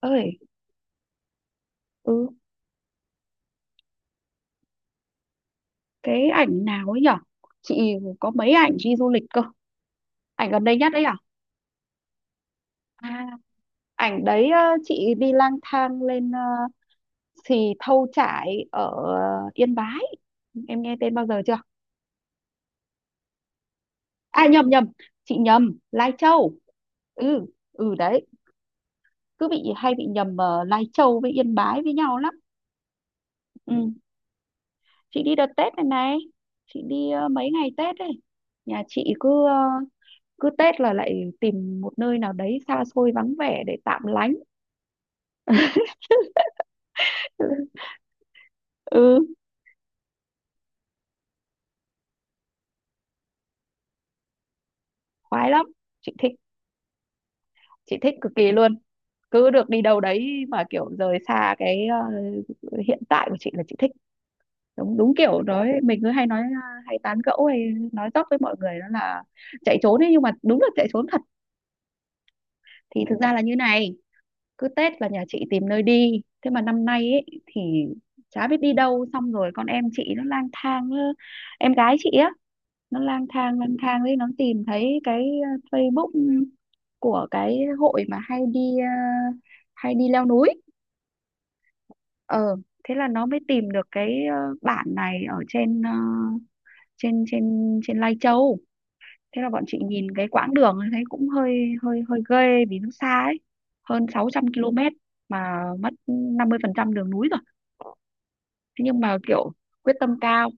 Ơi. Ừ. Cái ảnh nào ấy nhở? Chị có mấy ảnh đi du lịch cơ. Ảnh gần đây nhất ấy à? À, ảnh đấy, chị đi lang thang lên Xì Thâu Chải ở Yên Bái. Em nghe tên bao giờ chưa? À, nhầm nhầm, chị nhầm Lai Châu. Ừ. Ừ đấy. Cứ bị hay bị nhầm Lai Châu với Yên Bái với nhau lắm. Ừ, chị đi đợt Tết này này. Chị đi mấy ngày Tết ấy. Nhà chị cứ Tết là lại tìm một nơi nào đấy xa xôi vắng vẻ để tạm lánh. Ừ, khoái lắm. chị thích chị thích cực kỳ luôn. Cứ được đi đâu đấy mà kiểu rời xa cái hiện tại của chị là chị thích. Đúng đúng, kiểu nói mình cứ hay nói, hay tán gẫu hay nói dóc với mọi người đó là chạy trốn ấy, nhưng mà đúng là chạy trốn thật. Thì thực ra là như này, cứ Tết là nhà chị tìm nơi đi, thế mà năm nay ấy thì chả biết đi đâu. Xong rồi con em chị nó lang thang, em gái chị á. Nó lang thang đấy, nó tìm thấy cái Facebook của cái hội mà hay đi leo núi. ờ Thế là nó mới tìm được cái bản này ở trên ờ, trên trên trên Lai Châu. Thế là bọn chị nhìn cái quãng đường thấy cũng hơi hơi hơi ghê vì nó xa ấy. Hơn 600 km mà mất 50% đường núi rồi. Thế nhưng mà kiểu quyết tâm cao,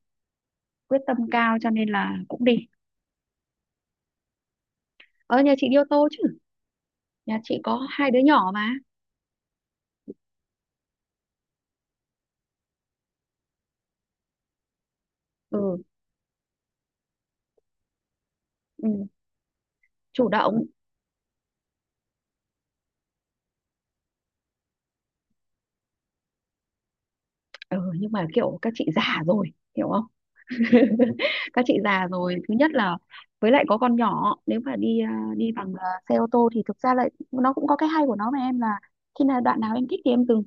quyết tâm cao cho nên là cũng đi. Ờ Nhà chị đi ô tô chứ. Nhà chị có hai đứa nhỏ mà. Ừ, ừ, chủ động. Ừ, nhưng mà kiểu các chị già rồi. Hiểu không? Các chị già rồi, thứ nhất là với lại có con nhỏ, nếu mà đi bằng, xe ô tô thì thực ra lại nó cũng có cái hay của nó mà em là. Khi nào đoạn nào em thích thì em dừng,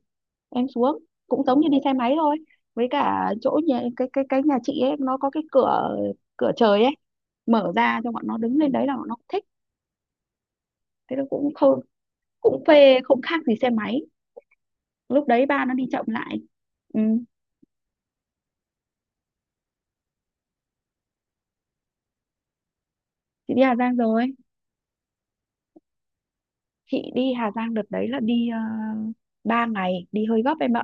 em xuống, cũng giống như đi xe máy thôi. Với cả chỗ nhà cái nhà chị ấy nó có cái cửa cửa trời ấy. Mở ra cho bọn nó đứng lên, đấy là bọn nó cũng thích. Thế nó cũng phê không khác gì xe máy. Lúc đấy ba nó đi chậm lại. Ừ. Chị đi Hà Giang rồi. Chị đi Hà Giang đợt đấy là đi, uh, 3 ngày đi hơi gấp em ạ.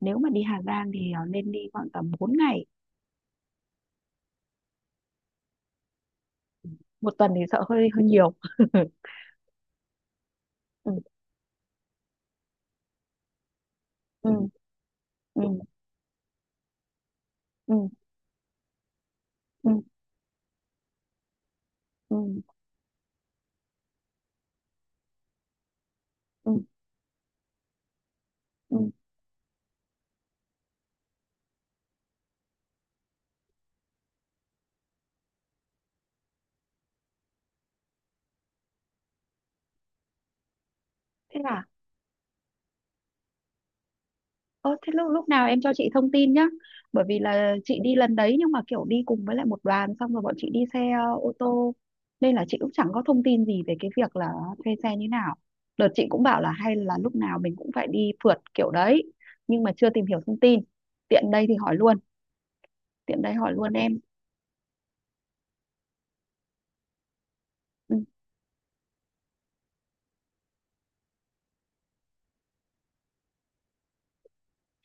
Nếu mà đi Hà Giang thì nên đi khoảng tầm 4 ngày. Một tuần thì sợ hơi hơi nhiều. Ừ, ừ, ừ, ừ, ừ, ừ, ừ, ừ. Thế là. Ơ thế lúc lúc nào em cho chị thông tin nhá. Bởi vì là chị đi lần đấy nhưng mà kiểu đi cùng với lại một đoàn, xong rồi bọn chị đi xe, ô tô, nên là chị cũng chẳng có thông tin gì về cái việc là thuê xe như nào. Đợt chị cũng bảo là hay là lúc nào mình cũng phải đi phượt kiểu đấy nhưng mà chưa tìm hiểu thông tin. Tiện đây thì hỏi luôn, tiện đây hỏi luôn em. Ừ.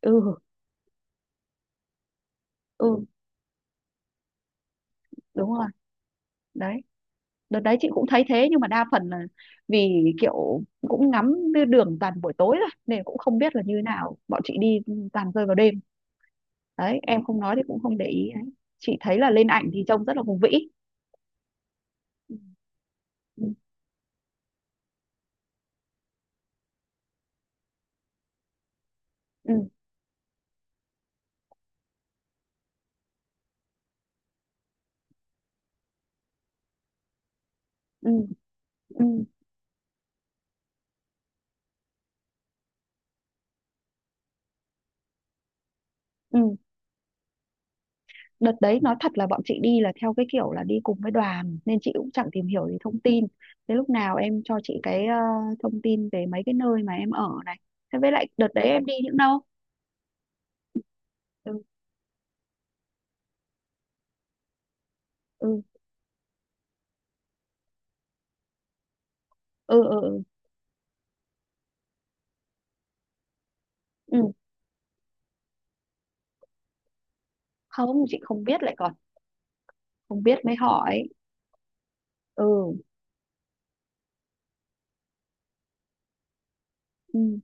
Ừ, ừ đúng rồi. Đấy. Đợt đấy chị cũng thấy thế, nhưng mà đa phần là vì kiểu cũng ngắm đường toàn buổi tối rồi nên cũng không biết là như nào. Bọn chị đi toàn rơi vào đêm, đấy em không nói thì cũng không để ý đấy. Chị thấy là lên ảnh thì trông rất là hùng vĩ. Ừ, ừ, ừ, ừ, ừ. Đợt đấy nói thật là bọn chị đi là theo cái kiểu là đi cùng với đoàn nên chị cũng chẳng tìm hiểu gì thông tin. Thế lúc nào em cho chị cái, thông tin về mấy cái nơi mà em ở này. Thế với lại đợt đấy em đi những đâu? Ừ, ừ, ừ, ừ, ừ, ừ. Không, chị không biết lại còn. Không biết mới hỏi. Ừ, ừ.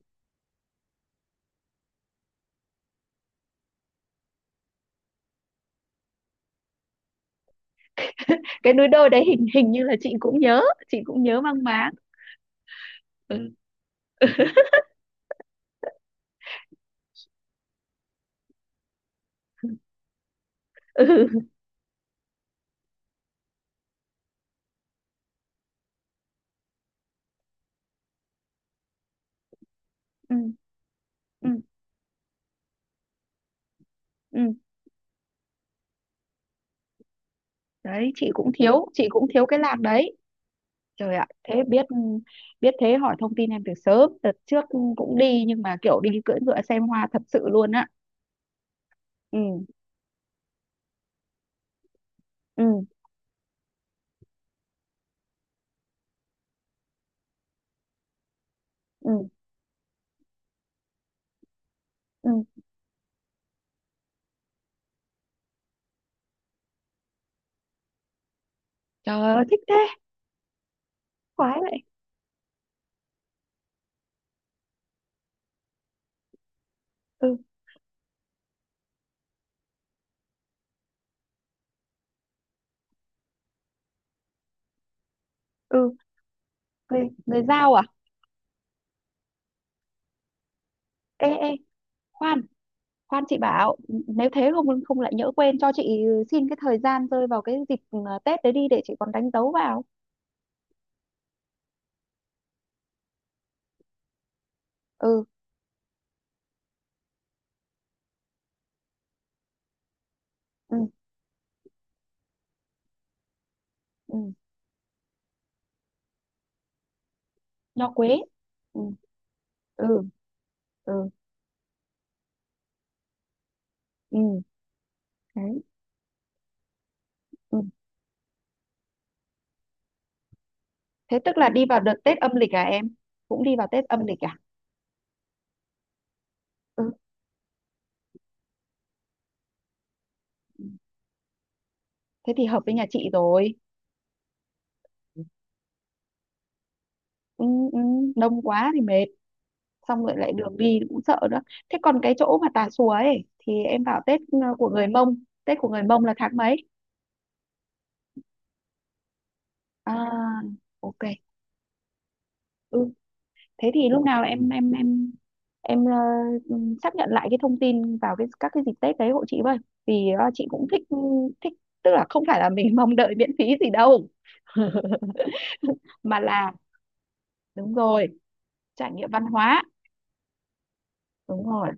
Cái núi đôi đấy hình hình như là chị cũng nhớ. Chị cũng nhớ mang máng. Ừ. Ừ. Ừ, ừ đấy, chị cũng thiếu, chị cũng thiếu cái lạc đấy. Trời ạ, thế biết biết thế hỏi thông tin em từ sớm đợt trước cũng đi, nhưng mà kiểu đi cưỡi ngựa xem hoa thật sự luôn á. Ừ, ừ, ừ, ừ. Trời ơi, thích thế. Khoái vậy. Ừ, ừ, người người giao à? Ê, ê, khoan, khoan, chị bảo, nếu thế không, không lại nhỡ quên cho chị. Xin cái thời gian rơi vào cái dịp, Tết đấy đi để chị còn đánh dấu vào. Ừ, ừ, ừ. Nho Quế. Ừ, ừ, ừ, ừ đấy. Ừ. Thế tức là đi vào đợt Tết âm lịch à em? Cũng đi vào Tết âm lịch à? Ừ, thế thì hợp với nhà chị rồi. Ừ, ừ, đông quá thì mệt, xong rồi lại đường đi cũng sợ nữa. Thế còn cái chỗ mà Tà Xùa ấy thì em bảo Tết, của người Mông. Tết của người Mông là tháng mấy? À, ok. Ừ, thế thì lúc nào em ừ, xác nhận lại cái thông tin vào cái dịp Tết đấy hộ chị với. Vì chị cũng thích. Thích, tức là không phải là mình mong đợi miễn phí gì đâu. Mà là đúng rồi, trải nghiệm văn hóa, đúng rồi,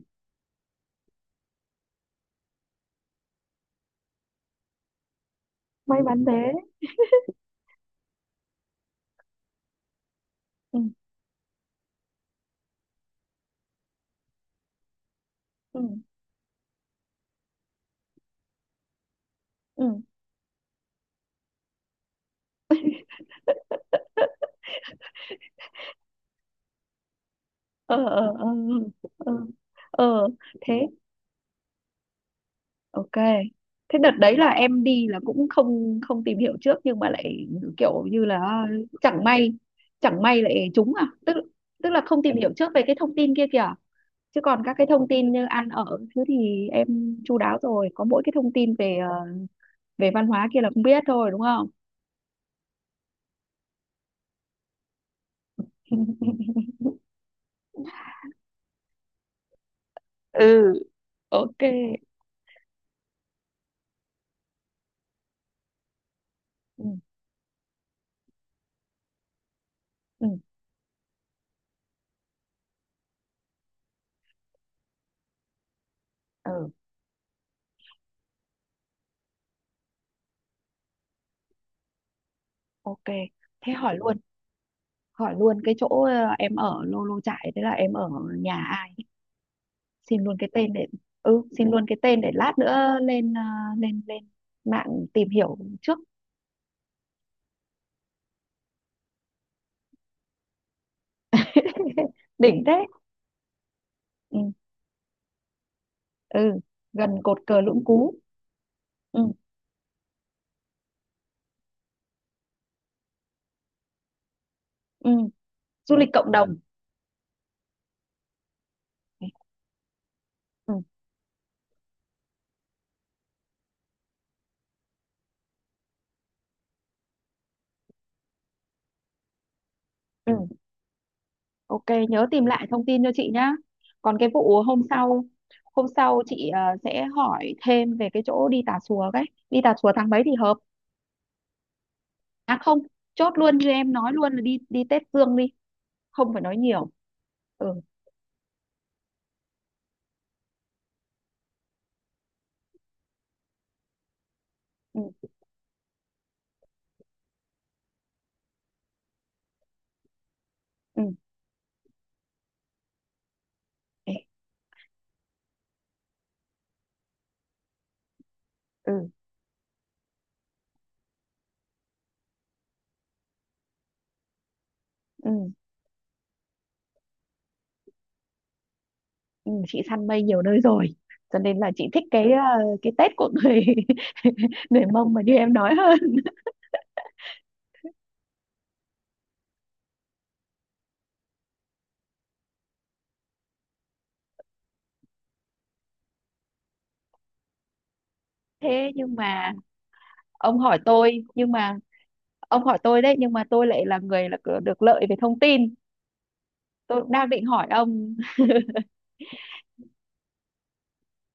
may mắn thế. Ừ, ừ, ừ, ờ, ờ, ờ, ờ, ờ, thế ok. Thế đợt đấy là em đi là cũng không, không tìm hiểu trước nhưng mà lại kiểu như là chẳng may, chẳng may lại trúng à, tức. Tức là không tìm hiểu trước về cái thông tin kia kìa, chứ còn các cái thông tin như ăn ở thứ thì em chu đáo rồi, có mỗi cái thông tin về văn hóa kia là không biết thôi, đúng không? Ừ, ok. Ừ, ừ, ừ. Ok, thế hỏi luôn cái chỗ, em ở Lô Lô Chải. Thế là em ở nhà ai? Xin luôn cái tên để. Ừ, xin luôn cái tên để lát nữa lên ờ, lên lên mạng tìm hiểu trước. Đỉnh thế. Ừ, ừ, gần cột cờ Lũng Cú. Ừ, ừ, du lịch cộng đồng. Ừ, ừ, ok, nhớ tìm lại thông tin cho chị nhá. Còn cái vụ hôm sau chị sẽ hỏi thêm về cái chỗ đi Tà Xùa cái. Đi Tà Xùa tháng mấy thì hợp? À không, chốt luôn như em nói luôn là đi đi Tết Dương đi, không phải nói nhiều. Ừ, ừ, ừ, ê, ừ, ừ, ừ, chị săn mây nhiều nơi rồi, cho nên là chị thích cái Tết của người người Mông mà như em nói hơn. Thế nhưng mà ông hỏi tôi, nhưng mà ông hỏi tôi đấy, nhưng mà tôi lại là người là được lợi về thông tin. Tôi cũng đang định hỏi ông.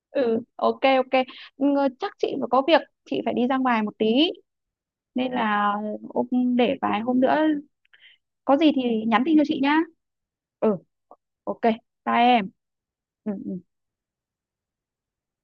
Ừ, ok ok. Chắc chị phải có việc, chị phải đi ra ngoài một tí. Nên là ông, để vài hôm nữa có gì thì nhắn tin cho chị nhá. Ừ, ok, bye em. Ừ. Ừ.